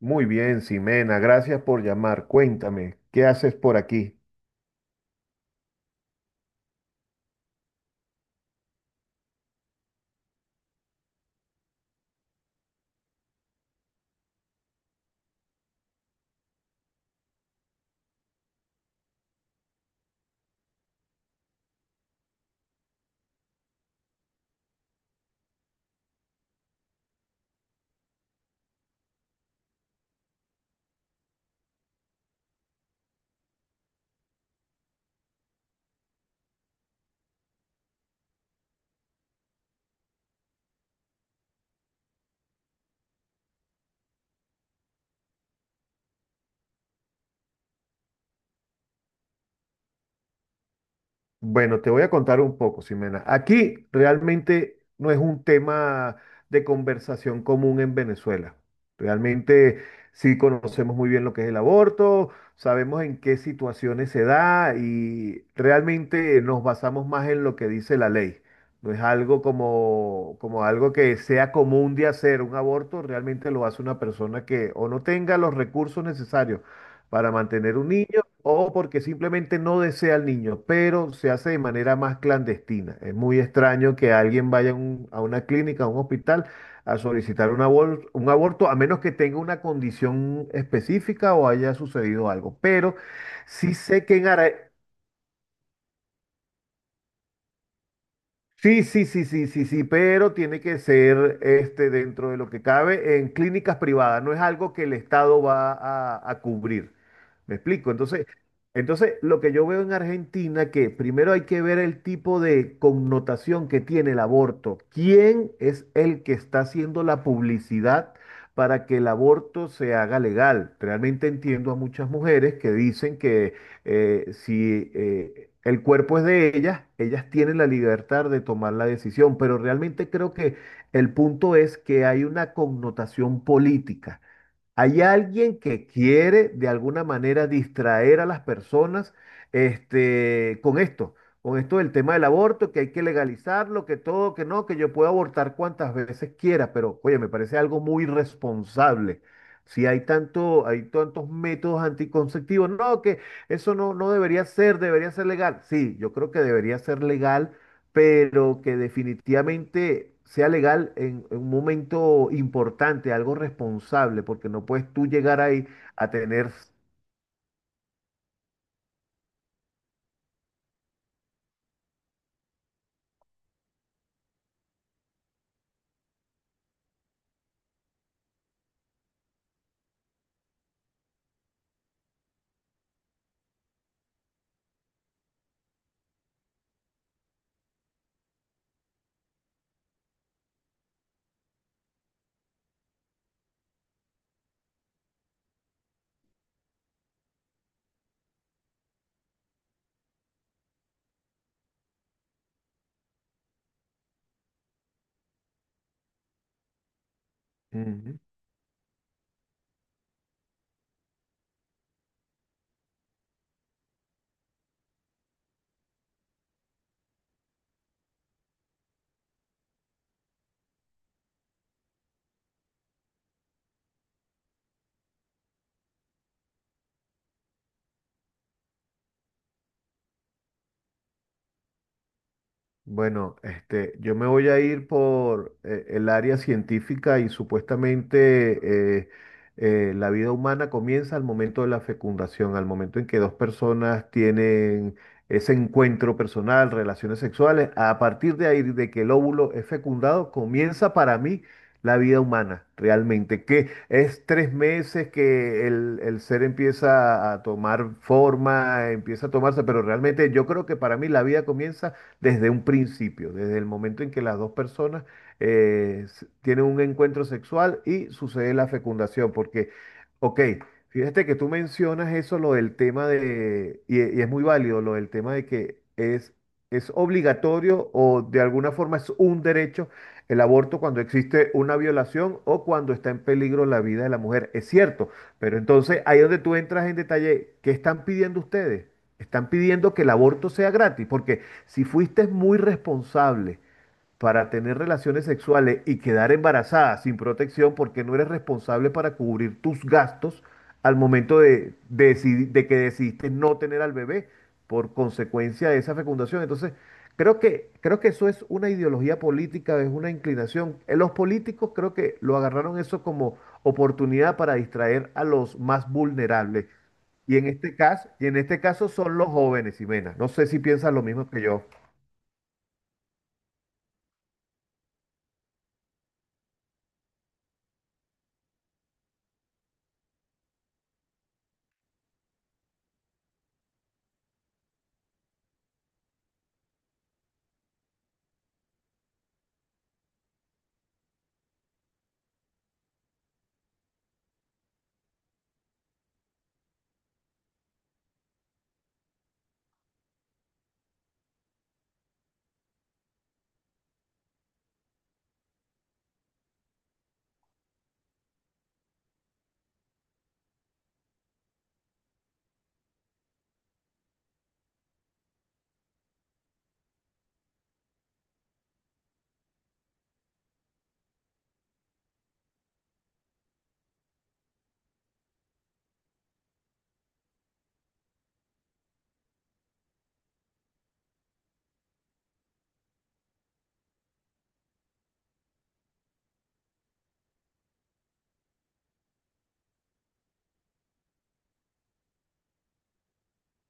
Muy bien, Ximena, gracias por llamar. Cuéntame, ¿qué haces por aquí? Bueno, te voy a contar un poco, Ximena. Aquí realmente no es un tema de conversación común en Venezuela. Realmente sí conocemos muy bien lo que es el aborto, sabemos en qué situaciones se da y realmente nos basamos más en lo que dice la ley. No es algo como algo que sea común de hacer un aborto, realmente lo hace una persona que o no tenga los recursos necesarios para mantener un niño o porque simplemente no desea al niño, pero se hace de manera más clandestina. Es muy extraño que alguien vaya a a una clínica, a un hospital, a solicitar un un aborto, a menos que tenga una condición específica o haya sucedido algo. Pero sí sé que en sí, sí, sí, sí, sí, sí, pero tiene que ser este, dentro de lo que cabe en clínicas privadas, no es algo que el Estado va a cubrir. ¿Me explico? Entonces, lo que yo veo en Argentina, que primero hay que ver el tipo de connotación que tiene el aborto. ¿Quién es el que está haciendo la publicidad para que el aborto se haga legal? Realmente entiendo a muchas mujeres que dicen si el cuerpo es de ellas, ellas tienen la libertad de tomar la decisión, pero realmente creo que el punto es que hay una connotación política. Hay alguien que quiere de alguna manera distraer a las personas este, con esto del tema del aborto, que hay que legalizarlo, que todo, que no, que yo puedo abortar cuantas veces quiera, pero oye, me parece algo muy irresponsable. Si hay tanto, hay tantos métodos anticonceptivos, no, que eso no, no debería ser, debería ser legal. Sí, yo creo que debería ser legal, pero que definitivamente sea legal en un momento importante, algo responsable, porque no puedes tú llegar ahí a tener... Ujú. Bueno, este, yo me voy a ir por el área científica y supuestamente la vida humana comienza al momento de la fecundación, al momento en que dos personas tienen ese encuentro personal, relaciones sexuales. A partir de ahí, de que el óvulo es fecundado, comienza para mí la vida humana realmente, que es tres meses que el ser empieza a tomar forma, empieza a tomarse, pero realmente yo creo que para mí la vida comienza desde un principio, desde el momento en que las dos personas tienen un encuentro sexual y sucede la fecundación. Porque, ok, fíjate que tú mencionas eso, lo del tema de, y es muy válido, lo del tema de que es obligatorio o de alguna forma es un derecho el aborto cuando existe una violación o cuando está en peligro la vida de la mujer. Es cierto, pero entonces ahí es donde tú entras en detalle. ¿Qué están pidiendo ustedes? Están pidiendo que el aborto sea gratis, porque si fuiste muy responsable para tener relaciones sexuales y quedar embarazada sin protección, porque no eres responsable para cubrir tus gastos al momento de que decidiste no tener al bebé por consecuencia de esa fecundación. Entonces, creo que eso es una ideología política, es una inclinación. Los políticos creo que lo agarraron eso como oportunidad para distraer a los más vulnerables. Y en este caso son los jóvenes, Ximena. No sé si piensas lo mismo que yo.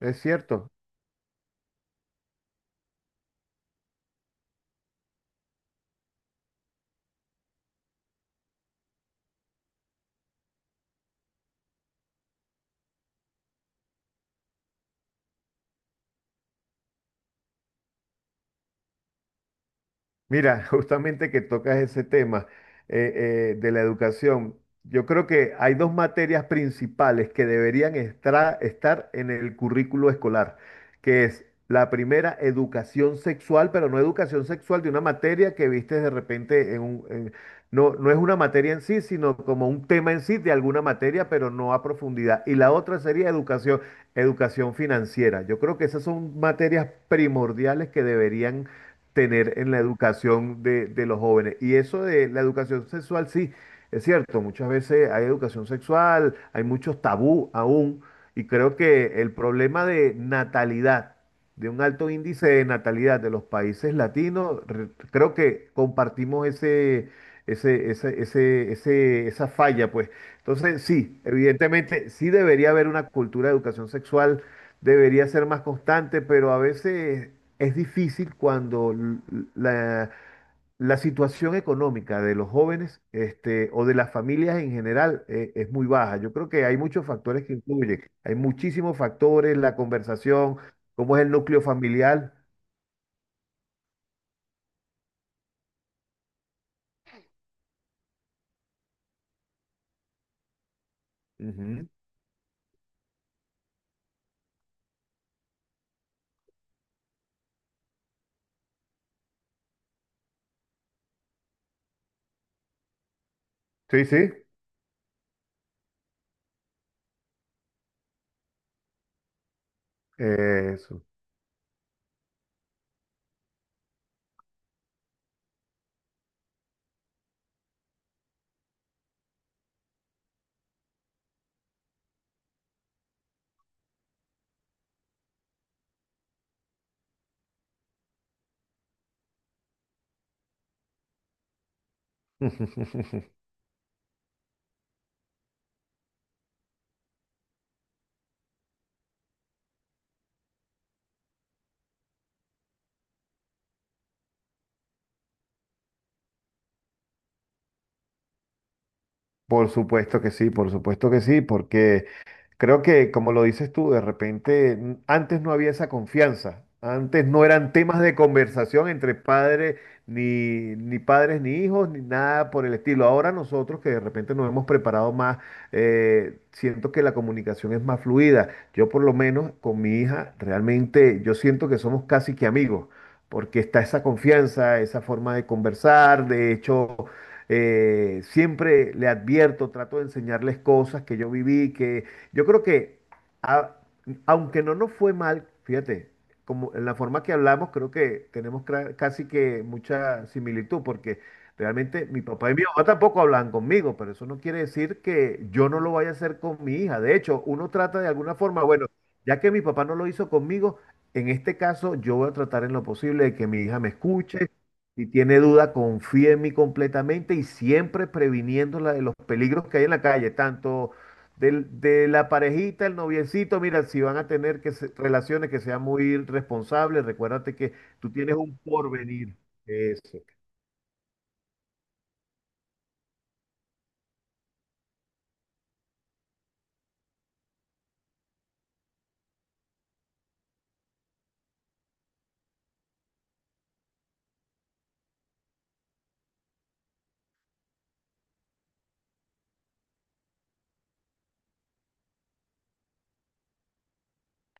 Es cierto. Mira, justamente que tocas ese tema de la educación, yo creo que hay dos materias principales que deberían estar en el currículo escolar, que es la primera, educación sexual, pero no educación sexual de una materia que viste de repente no, no es una materia en sí, sino como un tema en sí de alguna materia, pero no a profundidad. Y la otra sería educación financiera. Yo creo que esas son materias primordiales que deberían tener en la educación de los jóvenes. Y eso de la educación sexual, sí, es cierto, muchas veces hay educación sexual, hay muchos tabú aún, y creo que el problema de natalidad, de un alto índice de natalidad de los países latinos, creo que compartimos ese... esa falla, pues. Entonces, sí, evidentemente, sí debería haber una cultura de educación sexual. Debería ser más constante, pero a veces es difícil cuando la, la situación económica de los jóvenes, este, o de las familias en general, es muy baja. Yo creo que hay muchos factores que influyen. Hay muchísimos factores, la conversación, cómo es el núcleo familiar. Ujú. Sí, sí, eso. Por supuesto que sí, por supuesto que sí, porque creo que, como lo dices tú, de repente antes no había esa confianza. Antes no eran temas de conversación entre padres, ni, ni padres, ni hijos, ni nada por el estilo. Ahora nosotros que de repente nos hemos preparado más, siento que la comunicación es más fluida. Yo por lo menos con mi hija, realmente yo siento que somos casi que amigos, porque está esa confianza, esa forma de conversar. De hecho, siempre le advierto, trato de enseñarles cosas que yo viví, que yo creo que, a- aunque no nos fue mal, fíjate, como en la forma que hablamos, creo que tenemos casi que mucha similitud, porque realmente mi papá y mi mamá tampoco hablan conmigo, pero eso no quiere decir que yo no lo vaya a hacer con mi hija. De hecho, uno trata de alguna forma, bueno, ya que mi papá no lo hizo conmigo, en este caso yo voy a tratar en lo posible de que mi hija me escuche. Si tiene duda, confíe en mí completamente y siempre previniéndola de los peligros que hay en la calle, tanto de la parejita, el noviecito, mira, si van a tener que relaciones que sean muy responsables, recuérdate que tú tienes un porvenir. Eso.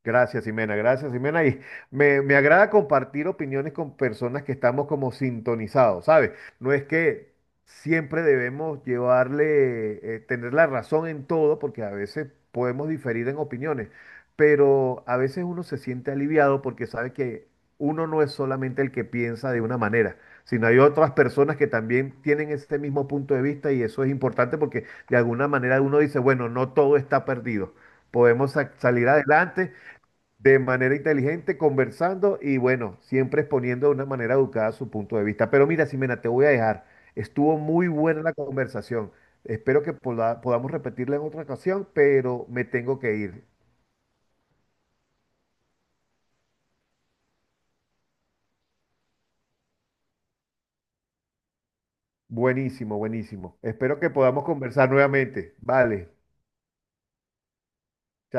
Gracias, Ximena. Gracias, Ximena. Y me agrada compartir opiniones con personas que estamos como sintonizados, ¿sabes? No es que siempre debemos llevarle, tener la razón en todo, porque a veces podemos diferir en opiniones, pero a veces uno se siente aliviado porque sabe que uno no es solamente el que piensa de una manera, sino hay otras personas que también tienen este mismo punto de vista y eso es importante porque de alguna manera uno dice, bueno, no todo está perdido. Podemos salir adelante de manera inteligente, conversando y bueno, siempre exponiendo de una manera educada su punto de vista. Pero mira, Ximena, te voy a dejar. Estuvo muy buena la conversación. Espero que podamos repetirla en otra ocasión, pero me tengo que ir. Buenísimo, buenísimo. Espero que podamos conversar nuevamente. Vale. Chao.